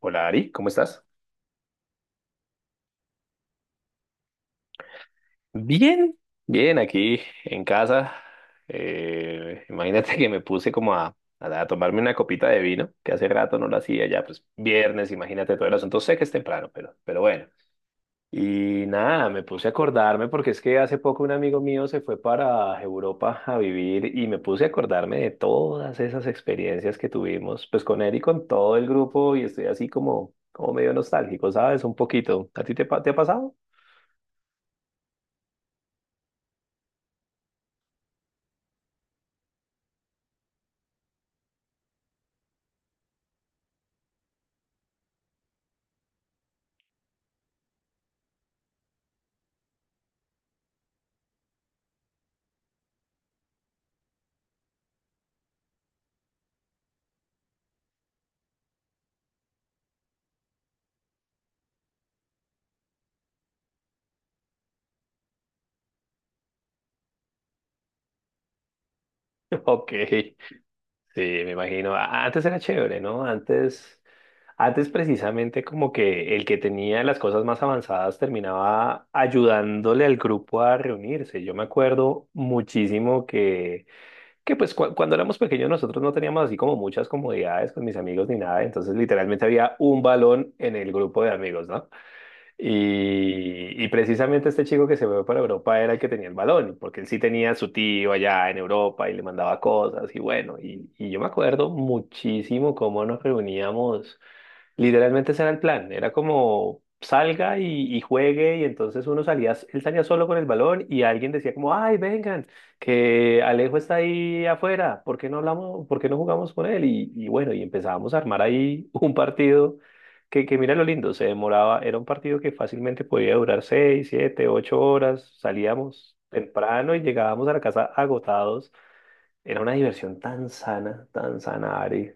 Hola Ari, ¿cómo estás? Bien, bien, aquí en casa. Imagínate que me puse como a tomarme una copita de vino, que hace rato no lo hacía ya, pues viernes, imagínate todo el asunto. Sé que es temprano, pero bueno. Y nada, me puse a acordarme porque es que hace poco un amigo mío se fue para Europa a vivir y me puse a acordarme de todas esas experiencias que tuvimos, pues con él y con todo el grupo y estoy así como medio nostálgico, ¿sabes? Un poquito. ¿A ti te ha pasado? Ok. Sí, me imagino. Antes era chévere, ¿no? Antes precisamente como que el que tenía las cosas más avanzadas terminaba ayudándole al grupo a reunirse. Yo me acuerdo muchísimo que, que cuando éramos pequeños nosotros no teníamos así como muchas comodidades con mis amigos ni nada, entonces literalmente había un balón en el grupo de amigos, ¿no? Y precisamente este chico que se fue para Europa era el que tenía el balón, porque él sí tenía a su tío allá en Europa y le mandaba cosas y bueno, y yo me acuerdo muchísimo cómo nos reuníamos, literalmente ese era el plan, era como salga y juegue y entonces uno salía, él salía solo con el balón y alguien decía como, ay, vengan, que Alejo está ahí afuera, ¿por qué no hablamos, por qué no jugamos con él? Y bueno, y empezábamos a armar ahí un partido que mira lo lindo, se demoraba, era un partido que fácilmente podía durar 6, 7, 8 horas, salíamos temprano y llegábamos a la casa agotados. Era una diversión tan sana, Ari.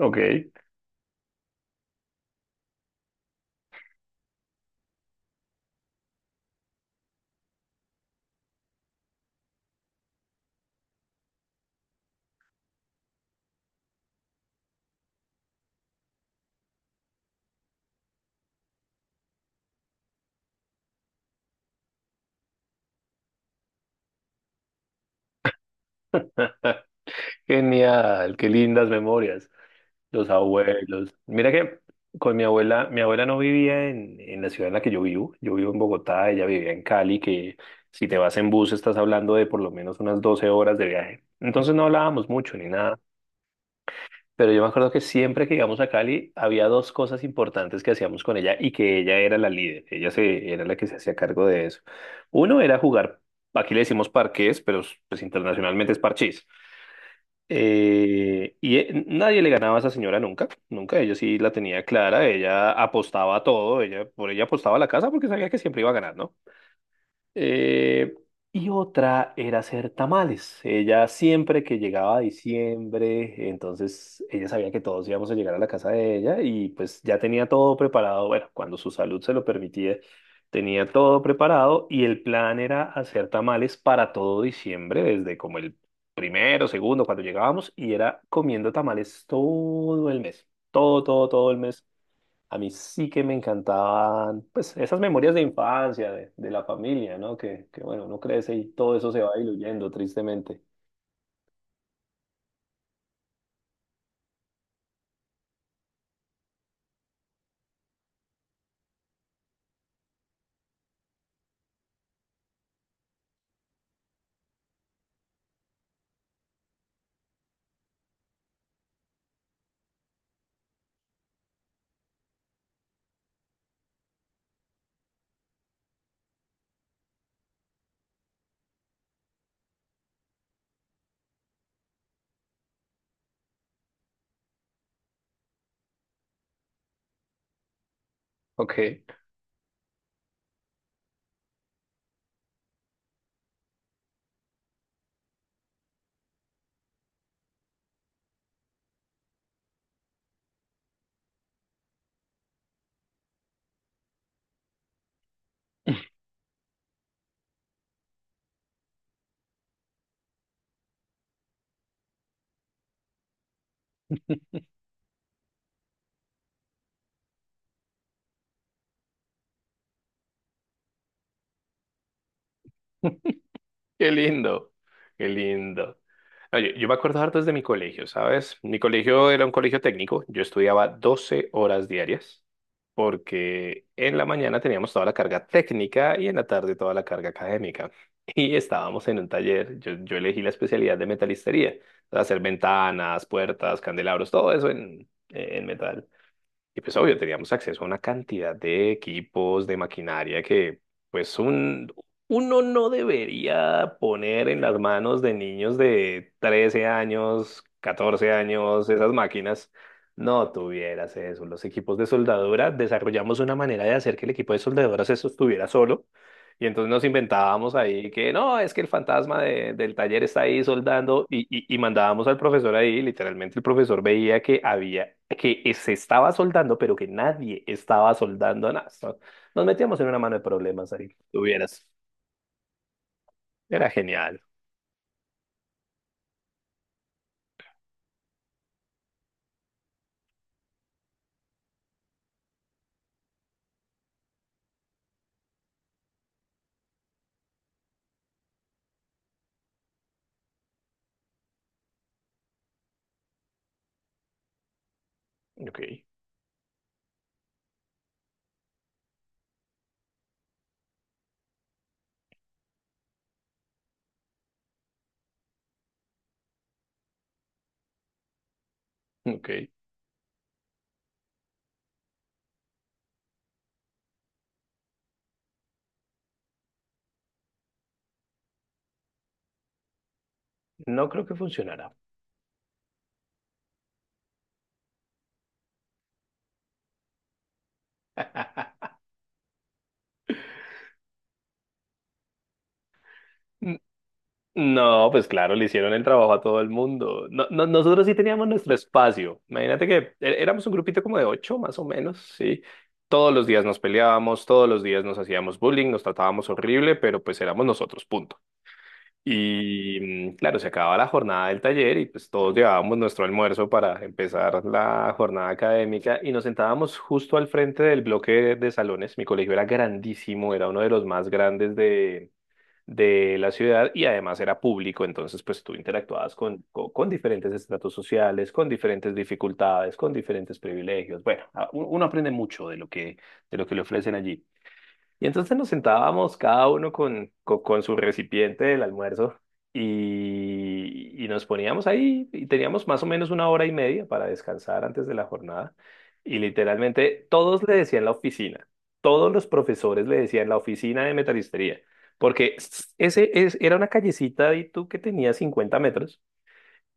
Ok. Genial, qué lindas memorias. Los abuelos. Mira que con mi abuela no vivía en la ciudad en la que yo vivo. Yo vivo en Bogotá, ella vivía en Cali, que si te vas en bus estás hablando de por lo menos unas 12 horas de viaje. Entonces no hablábamos mucho ni nada. Pero yo me acuerdo que siempre que íbamos a Cali había dos cosas importantes que hacíamos con ella y que ella era la líder, ella se, era la que se hacía cargo de eso. Uno era jugar, aquí le decimos parqués, pero pues internacionalmente es parchís. Y nadie le ganaba a esa señora nunca, nunca, ella sí la tenía clara, ella apostaba a todo, por ella apostaba a la casa porque sabía que siempre iba a ganar, ¿no? Eh, y otra era hacer tamales. Ella siempre que llegaba a diciembre, entonces ella sabía que todos íbamos a llegar a la casa de ella y pues ya tenía todo preparado, bueno, cuando su salud se lo permitía, tenía todo preparado y el plan era hacer tamales para todo diciembre, desde como el primero, segundo, cuando llegábamos y era comiendo tamales todo el mes, todo, todo, todo el mes a mí sí que me encantaban, pues, esas memorias de infancia, de la familia, ¿no? Bueno, uno crece y todo eso se va diluyendo, tristemente. Ok. Qué lindo, qué lindo. No, yo me acuerdo harto desde mi colegio, ¿sabes? Mi colegio era un colegio técnico, yo estudiaba 12 horas diarias, porque en la mañana teníamos toda la carga técnica y en la tarde toda la carga académica. Y estábamos en un taller, yo elegí la especialidad de metalistería, hacer ventanas, puertas, candelabros, todo eso en metal. Y pues obvio, teníamos acceso a una cantidad de equipos, de maquinaria que pues uno no debería poner en las manos de niños de 13 años, 14 años, esas máquinas. No tuvieras eso. Los equipos de soldadura desarrollamos una manera de hacer que el equipo de soldadura se sostuviera solo y entonces nos inventábamos ahí que no, es que el fantasma del taller está ahí soldando y mandábamos al profesor ahí, literalmente el profesor veía que había, se estaba soldando, pero que nadie estaba soldando nada. So- Nos metíamos en una mano de problemas ahí. Tuvieras. Era genial. Ok, ok. No creo que funcionara. No, pues claro, le hicieron el trabajo a todo el mundo. No, nosotros sí teníamos nuestro espacio. Imagínate que éramos un grupito como de ocho, más o menos, sí. Todos los días nos peleábamos, todos los días nos hacíamos bullying, nos tratábamos horrible, pero pues éramos nosotros, punto. Y claro, se acababa la jornada del taller y pues todos llevábamos nuestro almuerzo para empezar la jornada académica y nos sentábamos justo al frente del bloque de salones. Mi colegio era grandísimo, era uno de los más grandes de la ciudad y además era público, entonces pues tú interactuabas con diferentes estratos sociales, con diferentes dificultades, con diferentes privilegios. Bueno, uno aprende mucho de lo que le ofrecen allí. Y entonces nos sentábamos cada uno con su recipiente del almuerzo y nos poníamos ahí y teníamos más o menos una hora y media para descansar antes de la jornada. Y literalmente todos le decían la oficina, todos los profesores le decían la oficina de metalistería, porque ese es, era una callecita y tú que tenía 50 metros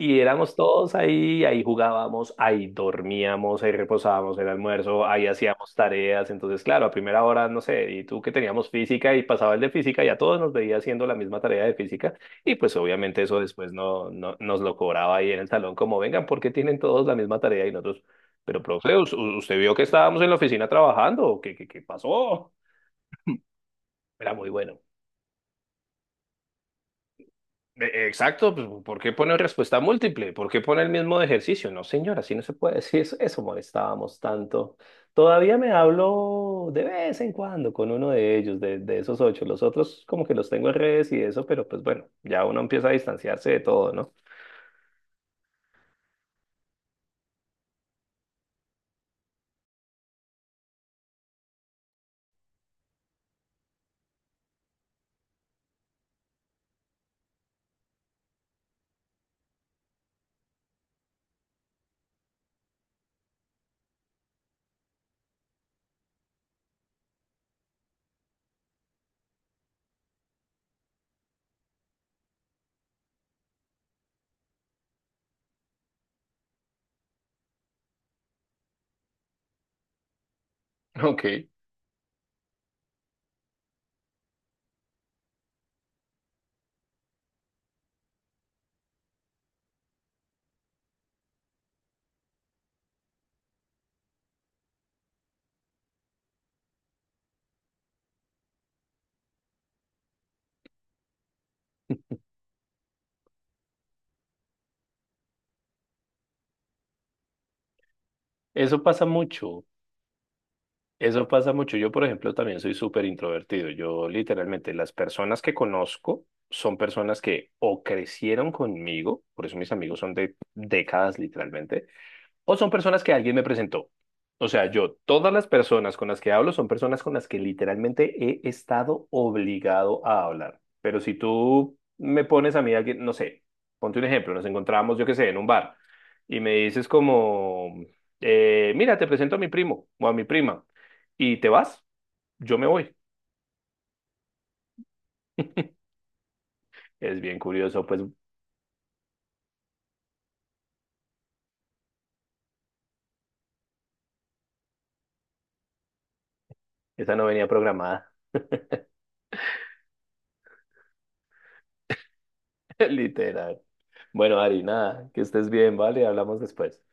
y éramos todos ahí, ahí jugábamos, ahí dormíamos, ahí reposábamos el almuerzo, ahí hacíamos tareas. Entonces, claro, a primera hora, no sé, y tú que teníamos física y pasaba el de física y a todos nos veía haciendo la misma tarea de física. Y pues obviamente eso después no nos lo cobraba ahí en el salón, como vengan, ¿por qué tienen todos la misma tarea y nosotros? Pero, profe, usted vio que estábamos en la oficina trabajando, ¿qué pasó? Era muy bueno. Exacto, pues, ¿por qué pone respuesta múltiple? ¿Por qué pone el mismo de ejercicio? No, señora, así no se puede. Sí, eso molestábamos tanto. Todavía me hablo de vez en cuando con uno de ellos, de esos ocho. Los otros como que los tengo en redes y eso, pero pues bueno, ya uno empieza a distanciarse de todo, ¿no? Ok. Eso pasa mucho, eso pasa mucho. Yo, por ejemplo, también soy súper introvertido. Yo literalmente las personas que conozco son personas que o crecieron conmigo, por eso mis amigos son de décadas literalmente o son personas que alguien me presentó. O sea, yo, todas las personas con las que hablo son personas con las que literalmente he estado obligado a hablar. Pero si tú me pones a mí alguien, no sé, ponte un ejemplo, nos encontramos, yo qué sé, en un bar y me dices como, mira, te presento a mi primo o a mi prima y te vas, yo me voy. Es bien curioso, pues esa no venía programada, literal. Bueno, Ari, nada, que estés bien, ¿vale? Hablamos después.